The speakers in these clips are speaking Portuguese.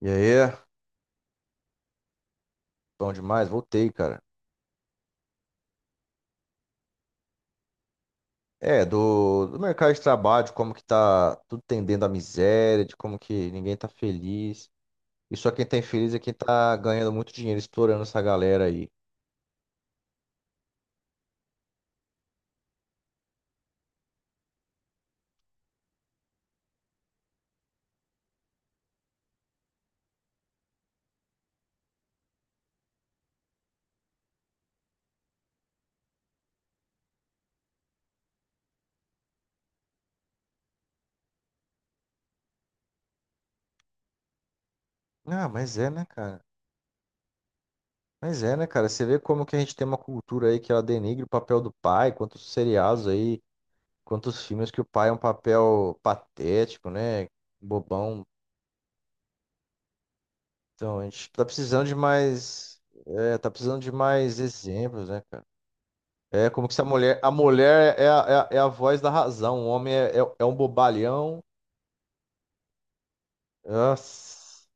E aí, bom demais, voltei, cara. É, do mercado de trabalho, de como que tá tudo tendendo à miséria, de como que ninguém tá feliz. E só quem tá infeliz é quem tá ganhando muito dinheiro, estourando essa galera aí. Ah, mas é, né, cara? Mas é, né, cara? Você vê como que a gente tem uma cultura aí que ela denigre o papel do pai, quantos seriados aí, quantos filmes que o pai é um papel patético, né? Bobão. Então, a gente tá precisando de mais, é, tá precisando de mais exemplos, né, cara? É como que se a mulher. A mulher é a voz da razão. O homem é um bobalhão. Nossa.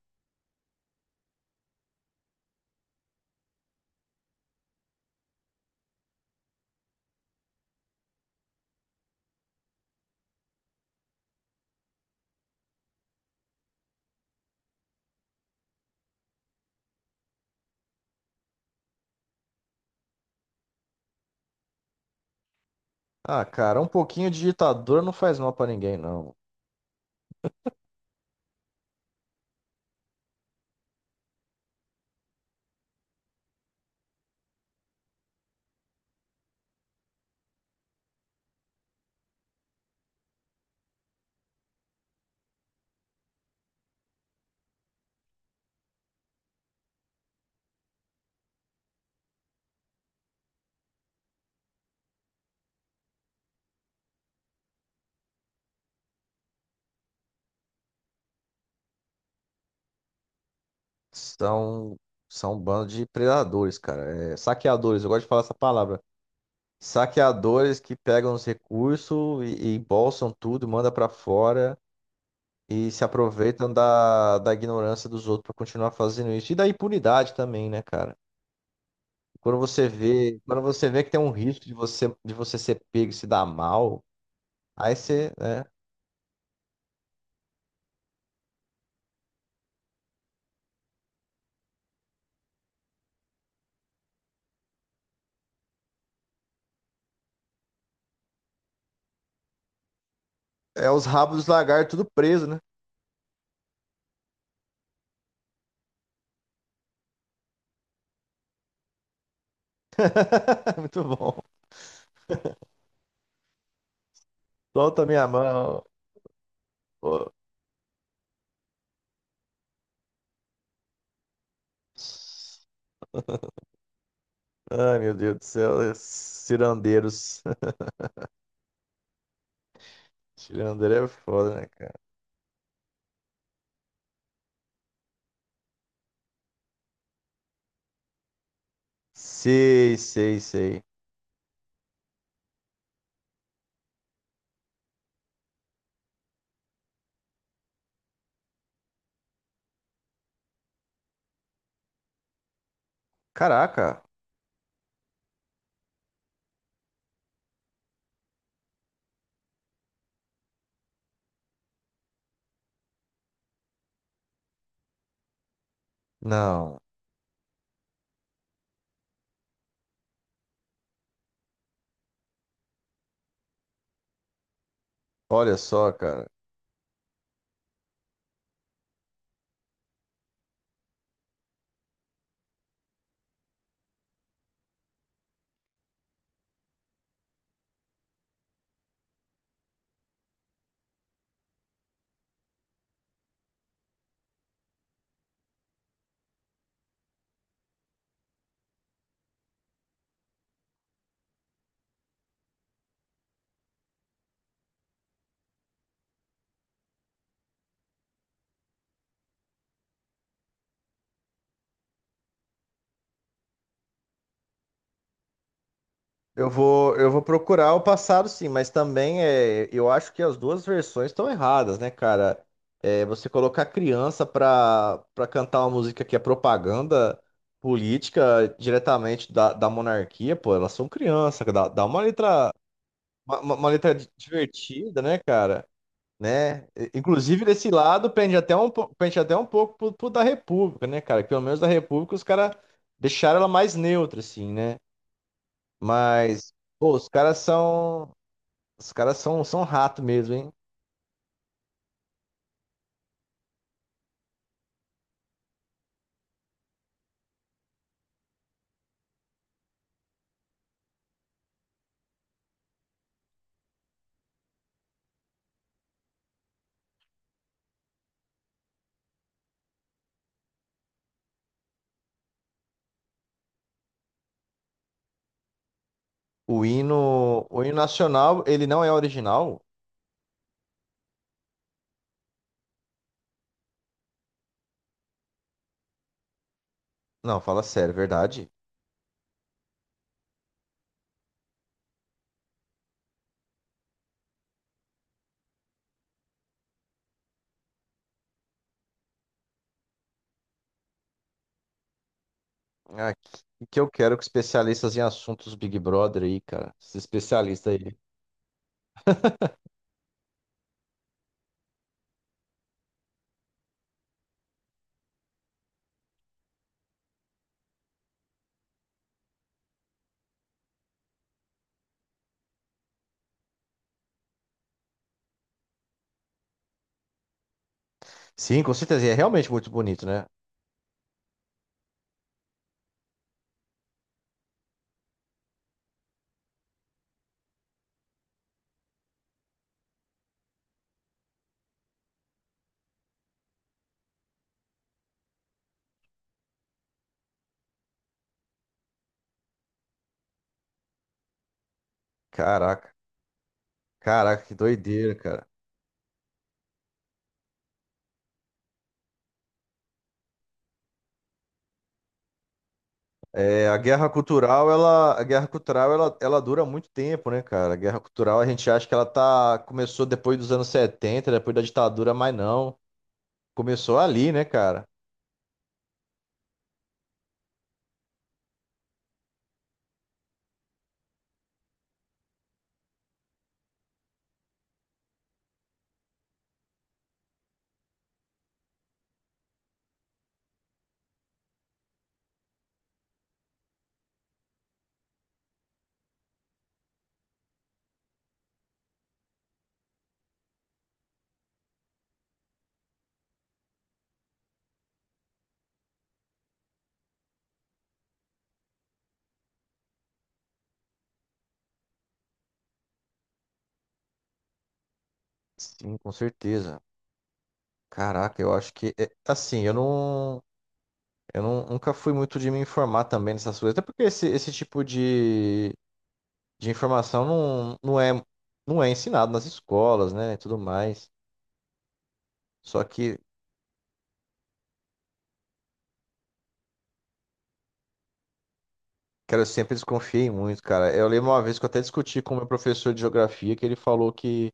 Ah, cara, um pouquinho de ditadura não faz mal pra ninguém, não. São, são um bando de predadores, cara. É, saqueadores, eu gosto de falar essa palavra. Saqueadores que pegam os recursos e embolsam tudo, manda pra fora e se aproveitam da ignorância dos outros pra continuar fazendo isso. E da impunidade também, né, cara? Quando você vê que tem um risco de você ser pego e se dar mal, aí você, né? É os rabos dos lagartos tudo preso, né? Muito bom. Solta minha mão. Ô. Ai, meu Deus do céu. É Cirandeiros. Cirandeiro é foda, né, cara? Sei, sei, sei. Caraca. Não. Olha só, cara. Eu vou procurar o passado, sim, mas também é, eu acho que as duas versões estão erradas, né, cara? É, você colocar criança pra cantar uma música que é propaganda política diretamente da monarquia, pô, elas são crianças, dá, dá uma letra, uma letra divertida, né, cara? Né? Inclusive, desse lado, pende até um, pende até um pouco pro da República, né, cara? Que pelo menos da República os caras deixaram ela mais neutra, assim, né? Mas, pô, os caras são. Os caras são, são rato mesmo, hein? O hino nacional, ele não é original? Não, fala sério, é verdade. Ah, que eu quero que especialistas em assuntos Big Brother aí, cara. Esses especialistas aí. Sim, com certeza. E é realmente muito bonito, né? Caraca, caraca, que doideira, cara. É, a guerra cultural, ela, a guerra cultural, ela dura muito tempo, né, cara? A guerra cultural, a gente acha que ela tá, começou depois dos anos 70 depois da ditadura, mas não. Começou ali, né, cara? Sim, com certeza. Caraca, eu acho que é, assim, eu não, nunca fui muito de me informar também nessas coisas, até porque esse tipo de informação não, não é, não é ensinado nas escolas, né, e tudo mais. Só que, cara, eu sempre desconfiei muito, cara. Eu lembro uma vez que eu até discuti com o meu professor de geografia que ele falou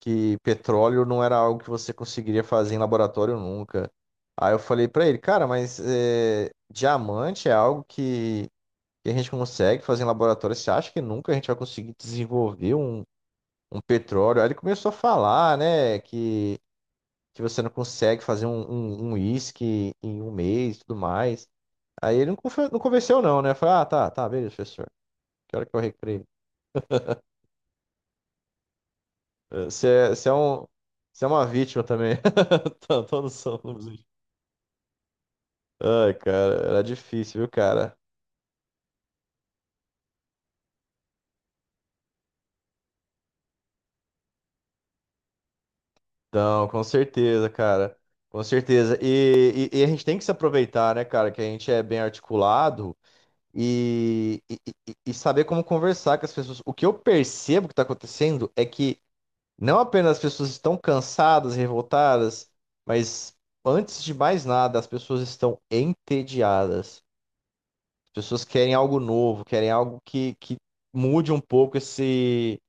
que petróleo não era algo que você conseguiria fazer em laboratório nunca. Aí eu falei pra ele, cara, mas é, diamante é algo que a gente consegue fazer em laboratório. Você acha que nunca a gente vai conseguir desenvolver um, um petróleo? Aí ele começou a falar, né, que você não consegue fazer um, um uísque em um mês e tudo mais. Aí ele não, não convenceu não, né? Eu falei, ah, tá, tá, beleza, professor. Que hora que eu recreio? Eh, você é, você é um, você é uma vítima também. Tô, tô no sono. Ai, cara, era difícil, viu, cara? Então, com certeza, cara. Com certeza. E, e a gente tem que se aproveitar, né, cara, que a gente é bem articulado e, e saber como conversar com as pessoas. O que eu percebo que está acontecendo é que não apenas as pessoas estão cansadas, revoltadas, mas antes de mais nada, as pessoas estão entediadas. As pessoas querem algo novo, querem algo que mude um pouco esse.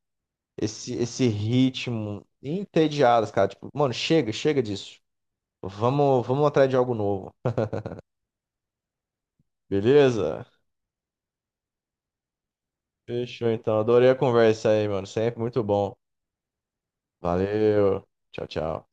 Esse ritmo entediadas, cara. Tipo, mano, chega, chega disso. Vamos, vamos atrás de algo novo. Beleza? Fechou então. Adorei a conversa aí, mano. Sempre muito bom. Valeu. Tchau, tchau.